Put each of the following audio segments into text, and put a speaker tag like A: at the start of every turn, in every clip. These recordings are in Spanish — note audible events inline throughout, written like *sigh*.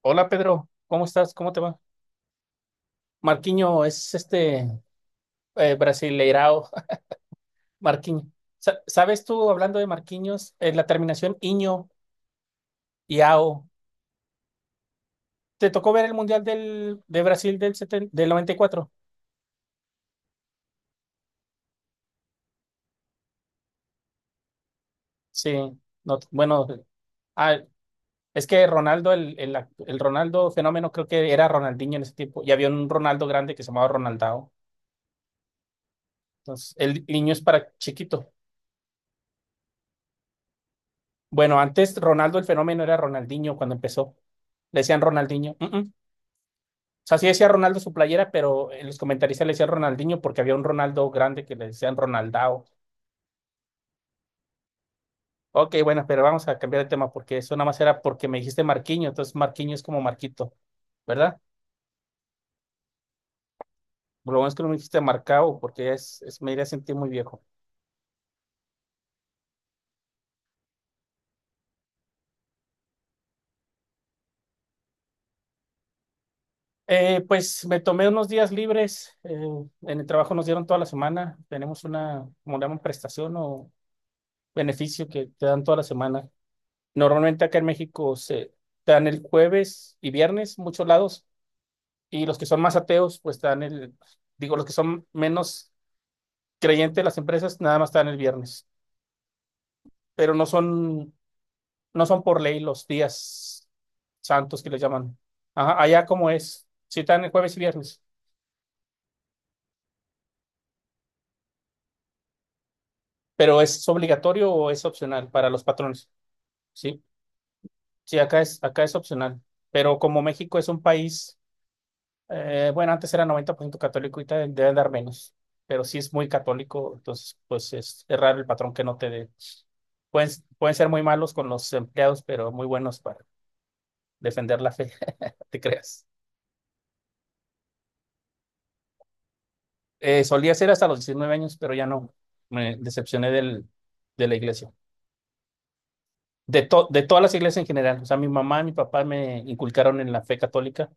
A: Hola Pedro, ¿cómo estás? ¿Cómo te va? Marquinho es este brasileirao. *laughs* Marquinho. ¿Sabes tú, hablando de Marquinhos, la terminación iño y ao? ¿Te tocó ver el Mundial del, 70 del 94? Sí, no, bueno, ah, es que Ronaldo, el Ronaldo fenómeno, creo que era Ronaldinho en ese tiempo, y había un Ronaldo grande que se llamaba Ronaldao. Entonces, el niño es para chiquito. Bueno, antes Ronaldo el fenómeno era Ronaldinho cuando empezó. Le decían Ronaldinho. Uh-uh. O sea, sí decía Ronaldo su playera, pero en los comentaristas le decían Ronaldinho porque había un Ronaldo grande que le decían Ronaldao. Ok, bueno, pero vamos a cambiar de tema porque eso nada más era porque me dijiste Marquinho, entonces Marquinho es como Marquito, ¿verdad? Lo bueno es que no me dijiste Marcao porque me iría a sentir muy viejo. Pues me tomé unos días libres, en el trabajo nos dieron toda la semana. Tenemos una, como le llaman, prestación o beneficio que te dan toda la semana. Normalmente acá en México se te dan el jueves y viernes, muchos lados. Y los que son más ateos, pues están el, digo, los que son menos creyentes de las empresas, nada más están el viernes. Pero no son, por ley los días santos que les llaman. Ajá, allá como es, si están el jueves y viernes, pero ¿es obligatorio o es opcional para los patrones? ¿Sí? Sí, acá es, opcional. Pero como México es un país... Bueno, antes era 90% católico y te deben dar menos, pero si es muy católico, entonces pues es, raro el patrón que no te dé. Pueden, pueden ser muy malos con los empleados, pero muy buenos para defender la fe, *laughs* te creas. Solía ser hasta los 19 años, pero ya no. Me decepcioné de la iglesia. De todas las iglesias en general. O sea, mi mamá, mi papá me inculcaron en la fe católica.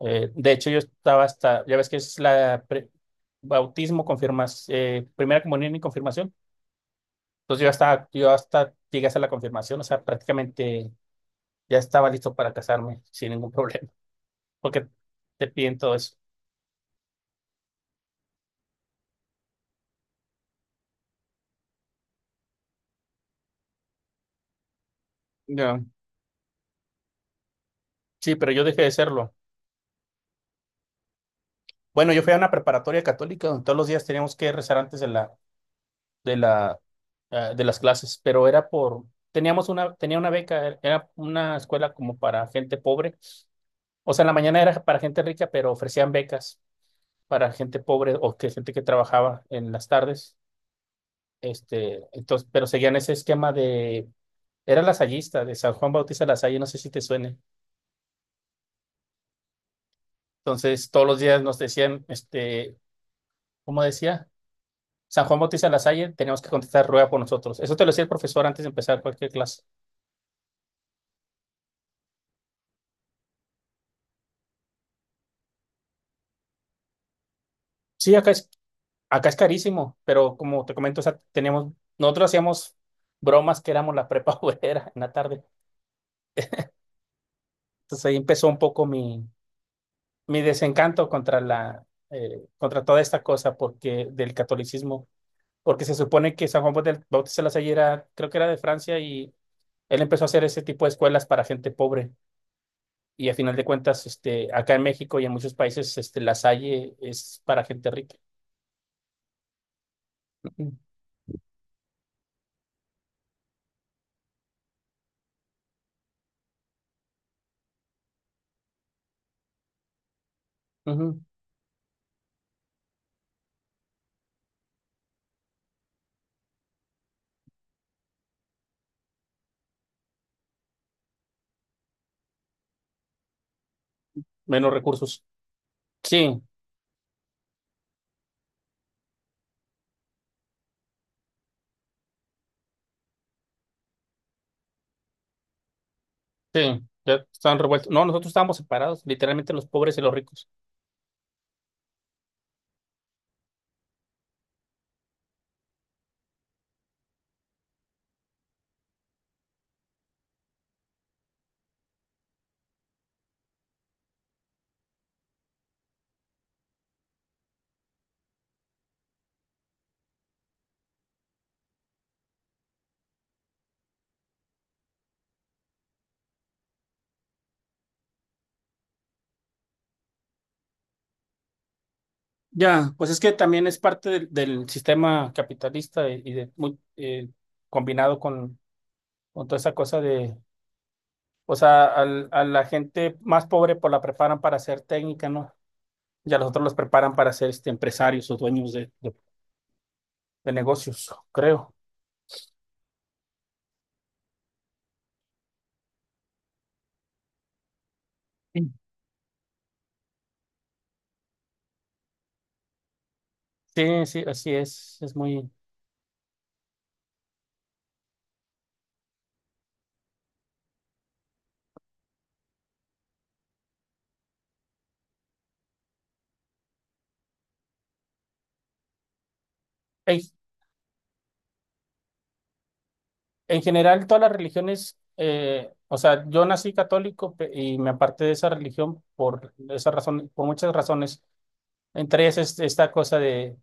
A: De hecho, yo estaba hasta, ya ves que es la bautismo, confirmas, primera comunión y confirmación. Entonces yo hasta, llegué a hacer la confirmación, o sea, prácticamente ya estaba listo para casarme *laughs* sin ningún problema, porque te piden todo eso. Ya. Sí, pero yo dejé de serlo. Bueno, yo fui a una preparatoria católica donde todos los días teníamos que rezar antes de la, de las clases, pero era tenía una beca, era una escuela como para gente pobre. O sea, en la mañana era para gente rica, pero ofrecían becas para gente pobre o que gente que trabajaba en las tardes. Este, entonces, pero seguían ese esquema era lasallista, de San Juan Bautista Lasalle, no sé si te suene. Entonces, todos los días nos decían, este, ¿cómo decía? San Juan Bautista Lasalle, teníamos que contestar rueda por nosotros. Eso te lo decía el profesor antes de empezar cualquier clase. Sí, acá es, carísimo, pero como te comento, o sea, nosotros hacíamos bromas que éramos la prepa *laughs* obrera en la tarde. Entonces ahí empezó un poco mi desencanto contra la, contra toda esta cosa porque del catolicismo, porque se supone que San Juan Bautista Lasalle era, creo que era de Francia y él empezó a hacer ese tipo de escuelas para gente pobre. Y a final de cuentas, este, acá en México y en muchos países, este, Lasalle es para gente rica. Ujú, ujú. Menos recursos. Sí, sí, ya están revueltos. No, nosotros estábamos separados, literalmente los pobres y los ricos. Ya, pues es que también es parte del, sistema capitalista y de, muy, combinado con toda esa cosa de... O sea, a la gente más pobre pues la preparan para ser técnica, ¿no? Y a los otros los preparan para ser este, empresarios o dueños de negocios, creo. Sí, sí, sí, así es. Es muy... En, en general, todas las religiones, o sea, yo nací católico y me aparté de esa religión por esa razón, por muchas razones. Entre ellas es esta cosa de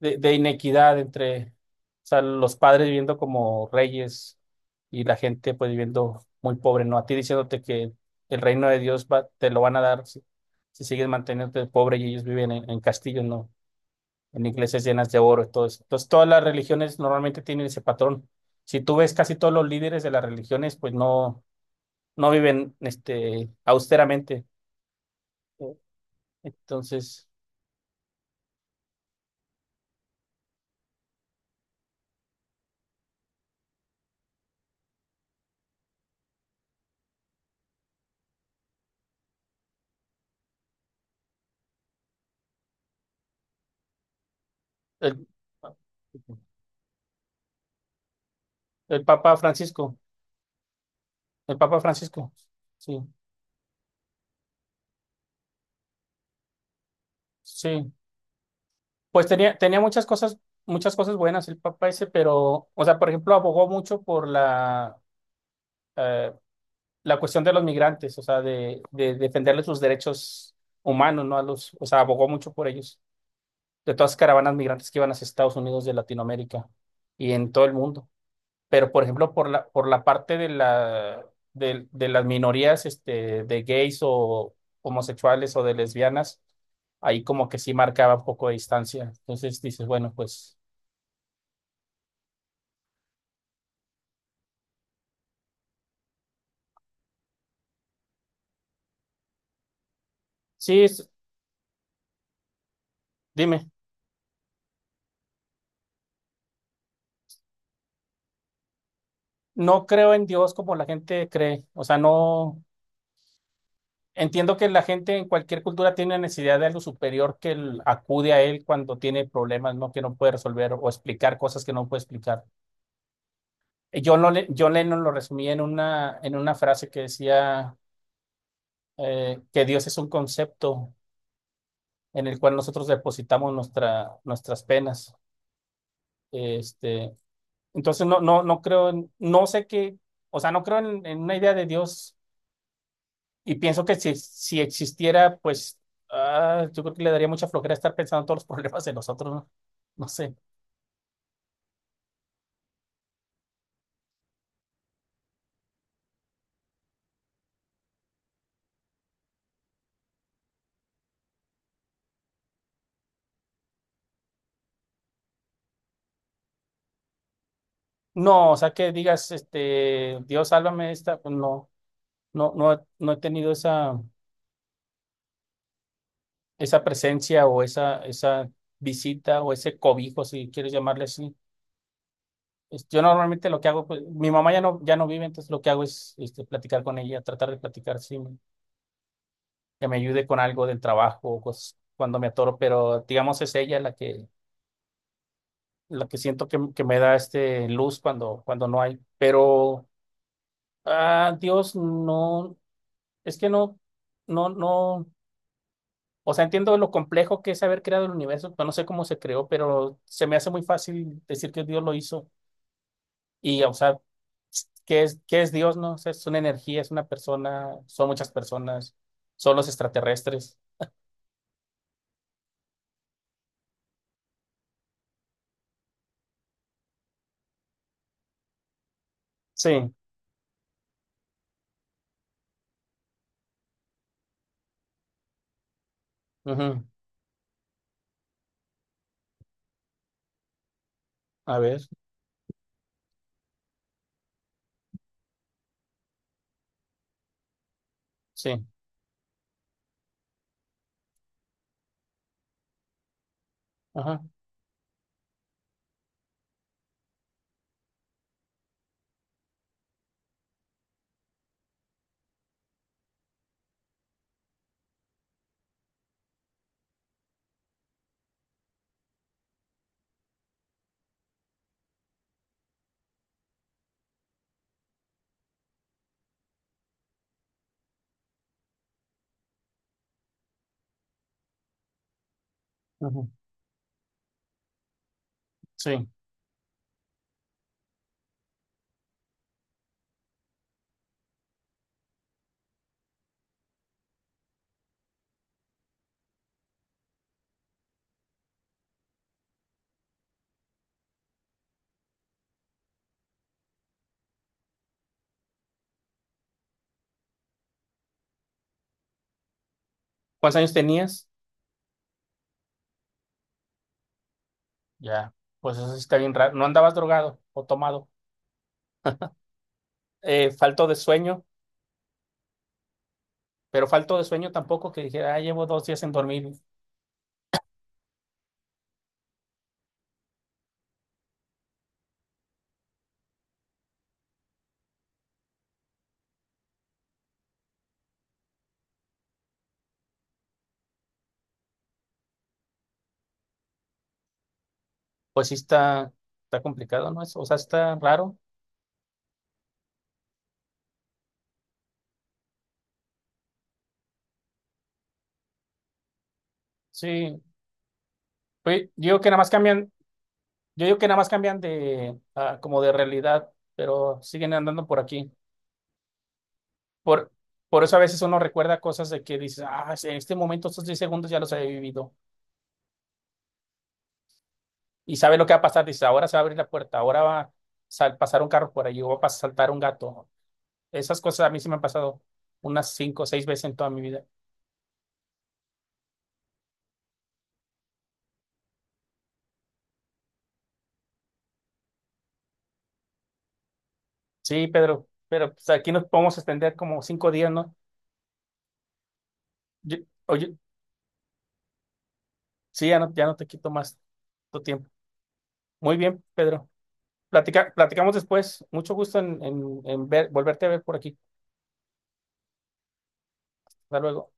A: de inequidad entre, o sea, los padres viviendo como reyes y la gente pues viviendo muy pobre, ¿no? A ti diciéndote que el reino de Dios va, te lo van a dar si, sigues manteniéndote pobre y ellos viven en castillos, ¿no? En iglesias llenas de oro y todo eso. Entonces, todas las religiones normalmente tienen ese patrón. Si tú ves casi todos los líderes de las religiones, pues no, no viven este, austeramente. Entonces, el, el, Papa Francisco, el Papa Francisco, sí. Sí, pues tenía muchas cosas buenas el Papa ese, pero, o sea, por ejemplo, abogó mucho por la, eh, la cuestión de los migrantes, o sea, de defenderles sus derechos humanos, ¿no? A los, o sea, abogó mucho por ellos, de todas las caravanas migrantes que iban hacia Estados Unidos de Latinoamérica y en todo el mundo. Pero por ejemplo, por la, parte de las minorías, este, de gays o homosexuales o de lesbianas, ahí como que sí marcaba un poco de distancia. Entonces dices, bueno, pues sí, dime, no creo en Dios como la gente cree. O sea, no entiendo que la gente en cualquier cultura tiene necesidad de algo superior que acude a él cuando tiene problemas, ¿no? Que no puede resolver o explicar cosas que no puede explicar. Yo, no, le- yo Lennon lo resumía en una, frase que decía que Dios es un concepto en el cual nosotros depositamos nuestra, nuestras penas. Este, entonces no creo, no sé qué, o sea, no creo en, una idea de Dios y pienso que si existiera, pues yo creo que le daría mucha flojera estar pensando en todos los *laughs* problemas de nosotros, ¿no? No sé. No, o sea, que digas, este, Dios, sálvame de esta, pues, no, no, no, no he tenido esa, esa, presencia o esa visita o ese cobijo, si quieres llamarle así. Este, yo normalmente lo que hago, pues, mi mamá ya no vive, entonces lo que hago es este, platicar con ella, tratar de platicar, sí, que me ayude con algo del trabajo o cosas cuando me atoro, pero digamos es ella la que, siento que me da este luz cuando no hay. Pero, Dios, no, es que no, no, no, o sea, entiendo lo complejo que es haber creado el universo, pero no sé cómo se creó, pero se me hace muy fácil decir que Dios lo hizo. Y, o sea, qué es Dios, no? O sea, ¿es una energía, es una persona, son muchas personas, son los extraterrestres? Sí, ujú. A ver, sí, ajá, ujú. Sí. ¿Cuántos años tenías? Ya, pues eso sí está bien raro. No andabas drogado o tomado. Falto de sueño, pero falto de sueño tampoco que dijera, llevo 2 días sin dormir. Pues sí está, complicado, ¿no? O sea, está raro. Sí, pues, digo que nada más cambian... Yo digo que nada más cambian de como de realidad, pero siguen andando por aquí. Por, por eso a veces uno recuerda cosas de que dices, ah, sí, en este momento, estos 10 segundos ya los he vivido. Y sabe lo que va a pasar, dices, ahora se va a abrir la puerta, ahora va a pasar un carro por allí, o va a saltar un gato. Esas cosas a mí se me han pasado unas cinco o seis veces en toda mi vida. Sí, Pedro, pero pues, aquí nos podemos extender como 5 días, ¿no? Yo- Oye, sí, ya no, te quito más tu tiempo. Muy bien, Pedro. Platicamos después. Mucho gusto en, volverte a ver por aquí. Hasta luego.